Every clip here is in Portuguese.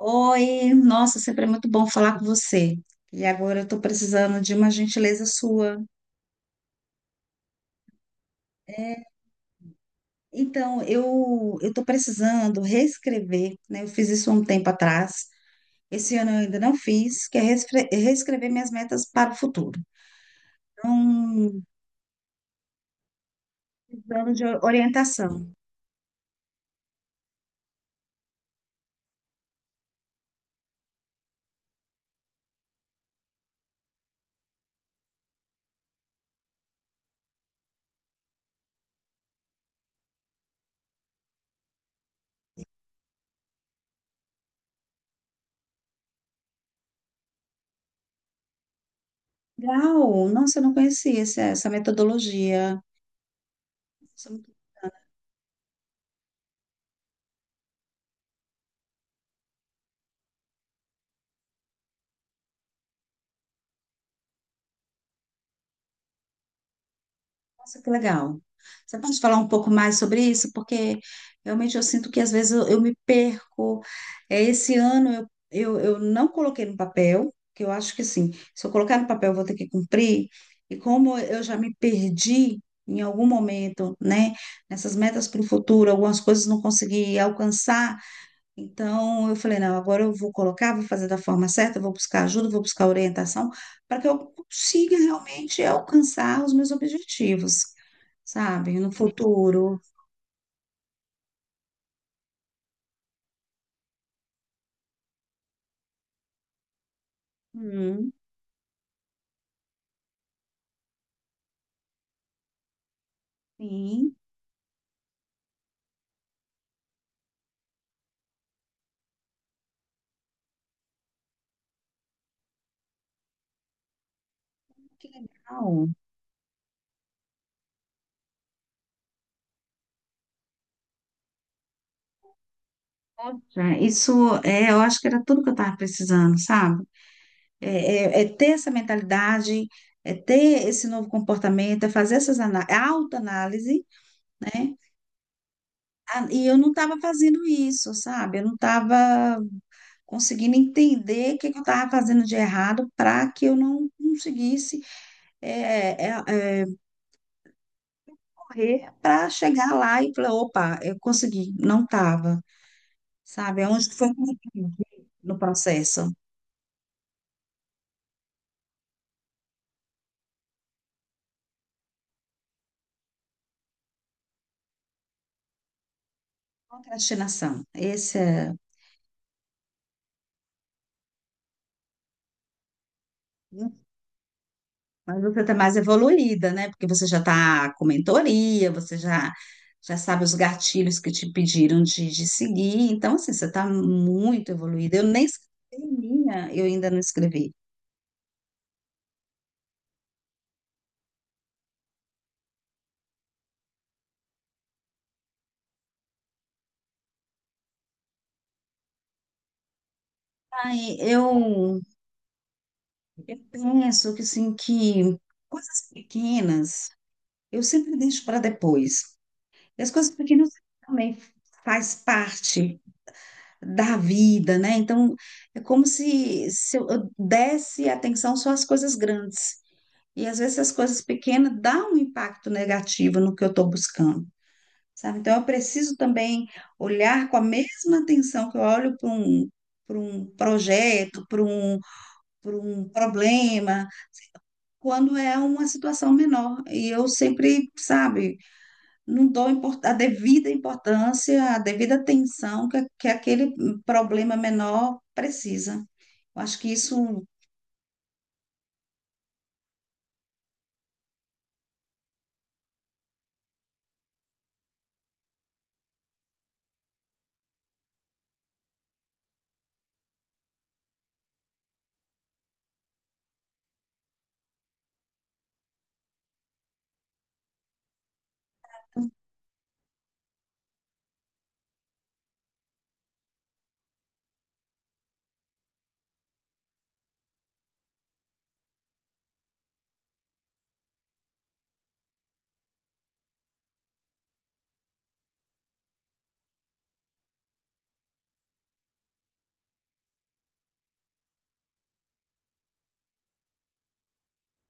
Oi, nossa, sempre é muito bom falar com você. E agora eu estou precisando de uma gentileza sua. Então, eu estou precisando reescrever, né? Eu fiz isso há um tempo atrás. Esse ano eu ainda não fiz, que é reescrever minhas metas para o futuro. Então, precisando de orientação. Legal! Nossa, eu não conhecia essa metodologia. Nossa, que legal. Você pode falar um pouco mais sobre isso? Porque realmente eu sinto que às vezes eu me perco. É, esse ano eu não coloquei no papel, que eu acho que sim, se eu colocar no papel eu vou ter que cumprir. E como eu já me perdi em algum momento, né, nessas metas para o futuro, algumas coisas não consegui alcançar. Então, eu falei, não, agora eu vou colocar, vou fazer da forma certa, vou buscar ajuda, vou buscar orientação, para que eu consiga realmente alcançar os meus objetivos, sabe? No futuro. Hum, sim, que legal. Poxa, isso é, eu acho que era tudo que eu estava precisando, sabe? É, é ter essa mentalidade, é ter esse novo comportamento, é fazer essas ana- é autoanálise, né? Ah, e eu não estava fazendo isso, sabe? Eu não estava conseguindo entender o que, que eu estava fazendo de errado para que eu não conseguisse é, é, é, correr para chegar lá e falar, opa, eu consegui, não estava, sabe? É, onde que foi que eu errei no processo? Procrastinação. Esse é. um, Mas você está mais evoluída, né? Porque você já está com mentoria, você já sabe os gatilhos que te pediram de seguir. Então, assim, você está muito evoluída. Eu nem escrevi minha, eu ainda não escrevi. Ai, eu penso que, assim, que coisas pequenas eu sempre deixo para depois. E as coisas pequenas também faz parte da vida, né? Então, é como se eu desse atenção só às coisas grandes. E às vezes as coisas pequenas dão um impacto negativo no que eu estou buscando, sabe? Então, eu preciso também olhar com a mesma atenção que eu olho para um projeto, para um problema quando é uma situação menor. E eu sempre, sabe, não dou a devida importância, a devida atenção que aquele problema menor precisa. Eu acho que isso.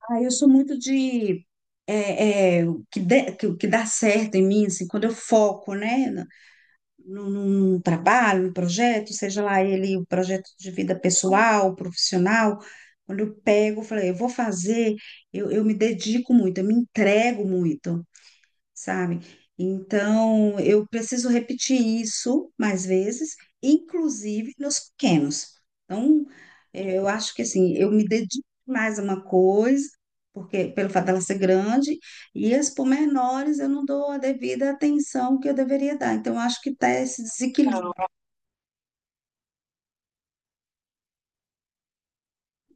Ah, eu sou muito de. O que dá certo em mim, assim, quando eu foco, né, num trabalho, num projeto, seja lá ele o projeto de vida pessoal, profissional, quando eu pego, eu falei, eu vou fazer, eu me dedico muito, eu me entrego muito, sabe? Então, eu preciso repetir isso mais vezes, inclusive nos pequenos. Então, eu acho que assim, eu me dedico mais a uma coisa, porque pelo fato dela ser grande, e as pormenores eu não dou a devida atenção que eu deveria dar. Então, eu acho que está esse desequilíbrio. Então,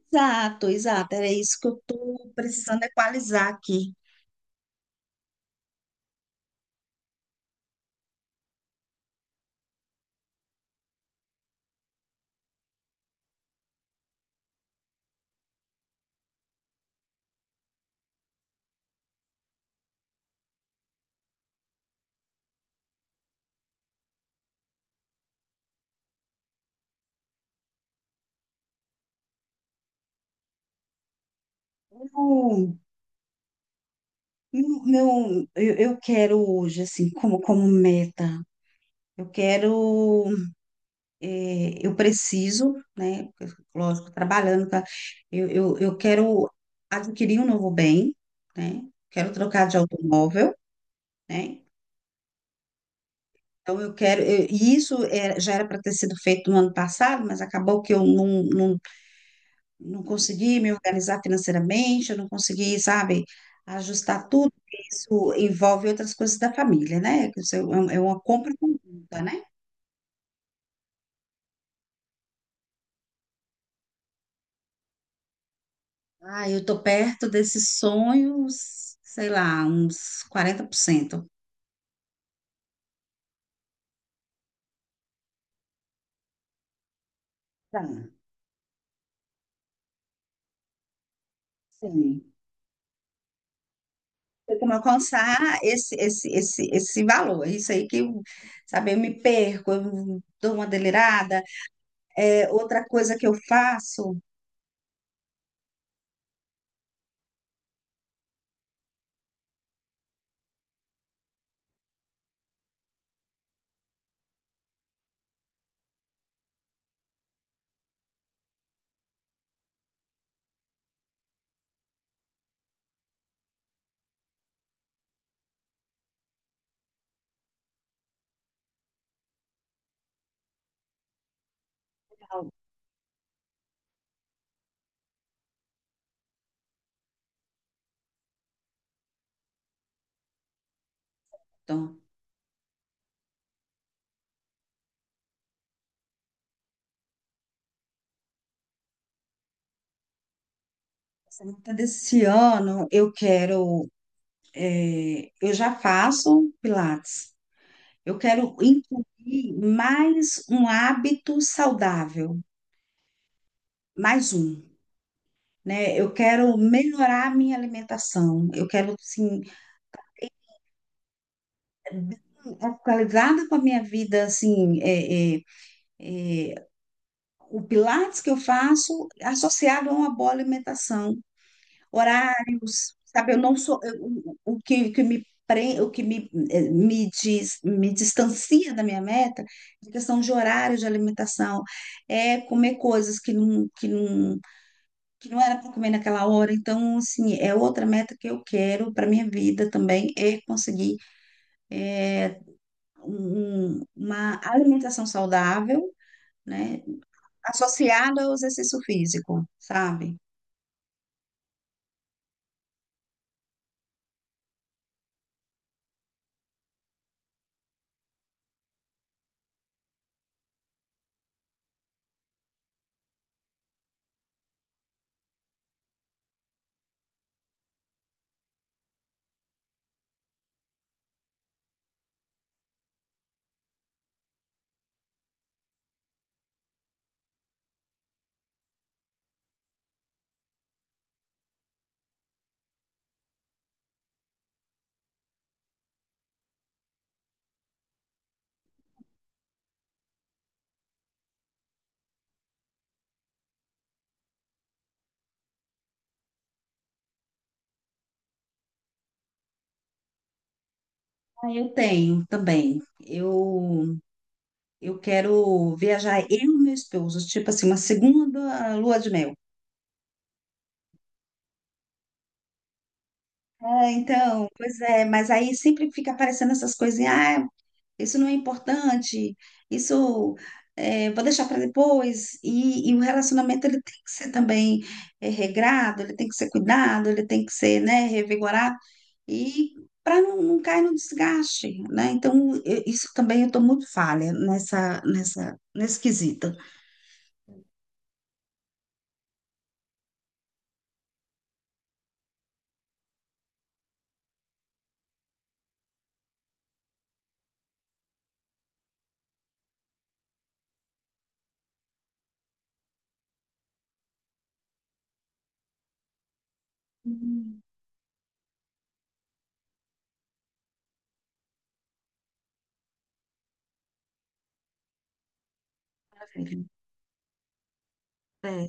exato, exato, era isso que eu estou precisando equalizar aqui. Eu, eu quero hoje, assim, como meta, eu quero. Eu preciso, né? Lógico, trabalhando, tá? Eu quero adquirir um novo bem, né? Quero trocar de automóvel, né? Então, eu quero. E isso é, já era para ter sido feito no ano passado, mas acabou que eu não consegui me organizar financeiramente, eu não consegui, sabe, ajustar tudo, porque isso envolve outras coisas da família, né? Que isso é uma compra conjunta, né? Ah, eu tô perto desses sonhos, sei lá, uns 40%. Tá, sim. Tem como alcançar esse valor. É, isso aí que eu, sabe, eu me perco, eu dou uma delirada. É, outra coisa que eu faço, Dalton, essa meta desse ano, eu quero, eu já faço Pilates. Eu quero incluir mais um hábito saudável, mais um. Né? Eu quero melhorar a minha alimentação, eu quero, assim, atualizada com a minha vida, assim, o Pilates que eu faço associado a uma boa alimentação, horários, sabe? Eu não sou, o que, o que me pre- o que me, me, diz, me distancia da minha meta, é questão de horário de alimentação, é comer coisas que não era para comer naquela hora. Então, assim, é outra meta que eu quero para minha vida também, é conseguir é, uma alimentação saudável, né, associada ao exercício físico, sabe? Ah, eu tenho também. Eu quero viajar eu e meu esposo, tipo assim, uma segunda lua de mel. Ah, então, pois é, mas aí sempre fica aparecendo essas coisinhas, ah, isso não é importante, isso vou deixar para depois. E o relacionamento ele tem que ser também regrado, ele tem que ser cuidado, ele tem que ser, né, revigorado e para não cair no desgaste, né? Então, isso também eu estou muito falha nesse quesito. Hum, Maravilha. É,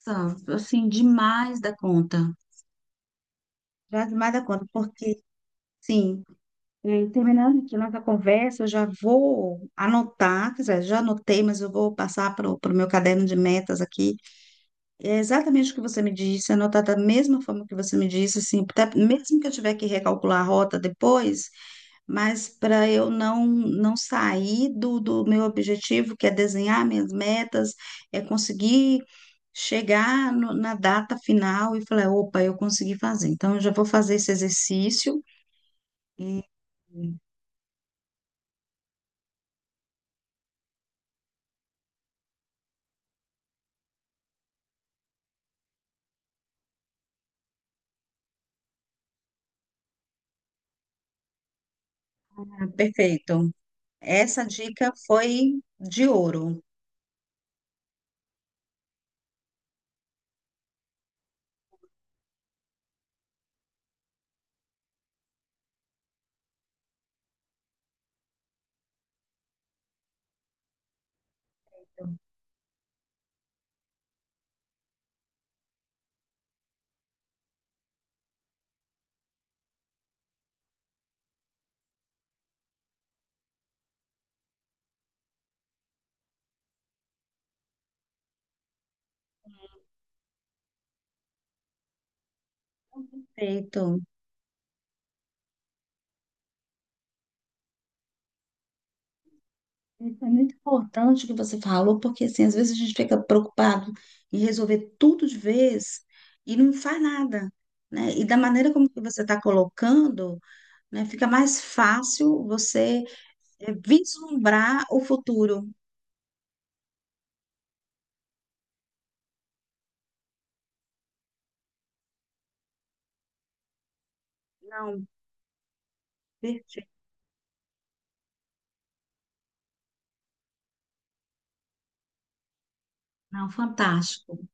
são, assim, demais da conta. Já demais da conta, porque sim. É, terminando aqui nossa conversa, eu já vou anotar, quer dizer, já anotei, mas eu vou passar para o meu caderno de metas aqui. É exatamente o que você me disse, anotar da mesma forma que você me disse, assim, até mesmo que eu tiver que recalcular a rota depois, mas para eu não sair do meu objetivo, que é desenhar minhas metas, é conseguir chegar na data final e falar, opa, eu consegui fazer. Então, eu já vou fazer esse exercício. e- Ah, perfeito. Essa dica foi de ouro. Perfeito. Isso é muito importante o que você falou, porque assim, às vezes a gente fica preocupado em resolver tudo de vez e não faz nada, né? E da maneira como que você está colocando, né, fica mais fácil você vislumbrar o futuro. Não, perfeito. Não, fantástico.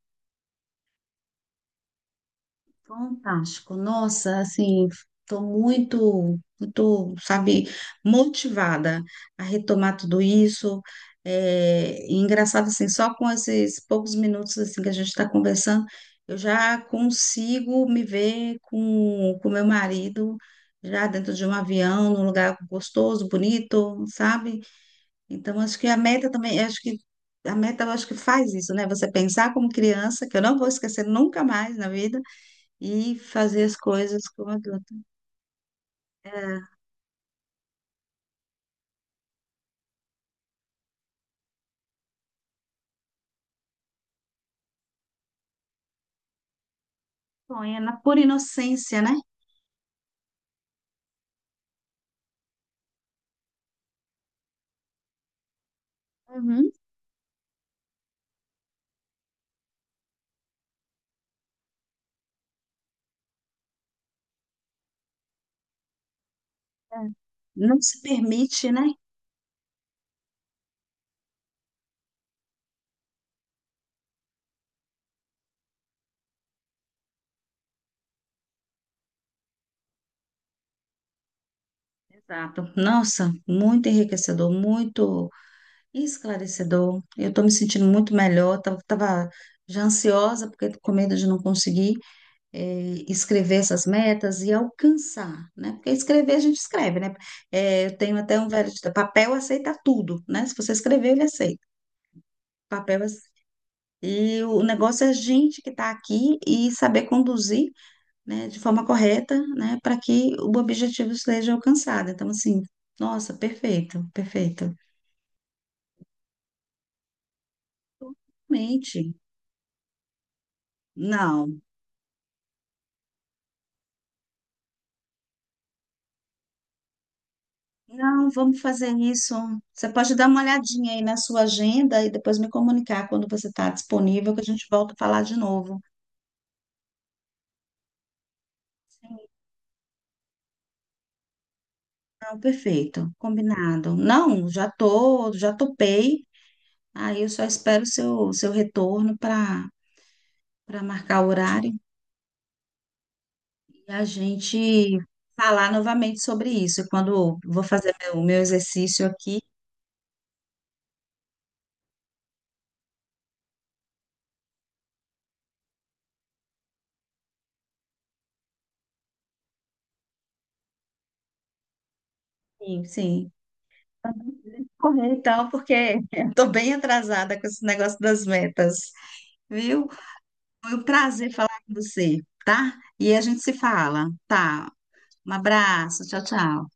Fantástico. Nossa, assim, estou muito, muito, sabe, motivada a retomar tudo isso. É, e engraçado, assim, só com esses poucos minutos assim que a gente está conversando, eu já consigo me ver com o meu marido já dentro de um avião, num lugar gostoso, bonito, sabe? Então, acho que a meta também, acho que a meta, eu acho que faz isso, né? Você pensar como criança, que eu não vou esquecer nunca mais na vida e fazer as coisas como adulto. É, bom, é na pura inocência, né? Uhum. É. Não se permite, né? Exato. Nossa, muito enriquecedor, muito esclarecedor. Eu estou me sentindo muito melhor. Tava já ansiosa, porque tô com medo de não conseguir escrever essas metas e alcançar, né? Porque escrever a gente escreve, né? Eu tenho até um velho ditado, papel aceita tudo, né? Se você escrever, ele aceita. Papel E o negócio é a gente que está aqui e saber conduzir, né, de forma correta, né, para que o objetivo seja alcançado. Então, assim, nossa, perfeito, perfeito. Realmente, não, não, vamos fazer isso. Você pode dar uma olhadinha aí na sua agenda e depois me comunicar quando você está disponível, que a gente volta a falar de novo. Sim, não, perfeito, combinado. Não, já tô, já topei. Aí eu só espero o seu retorno para marcar o horário. E a gente falar novamente sobre isso quando eu vou fazer o meu exercício aqui. Sim, sim. Correr então, porque estou bem atrasada com esse negócio das metas, viu? Foi um prazer falar com você, tá? E a gente se fala, tá? Um abraço, tchau, tchau.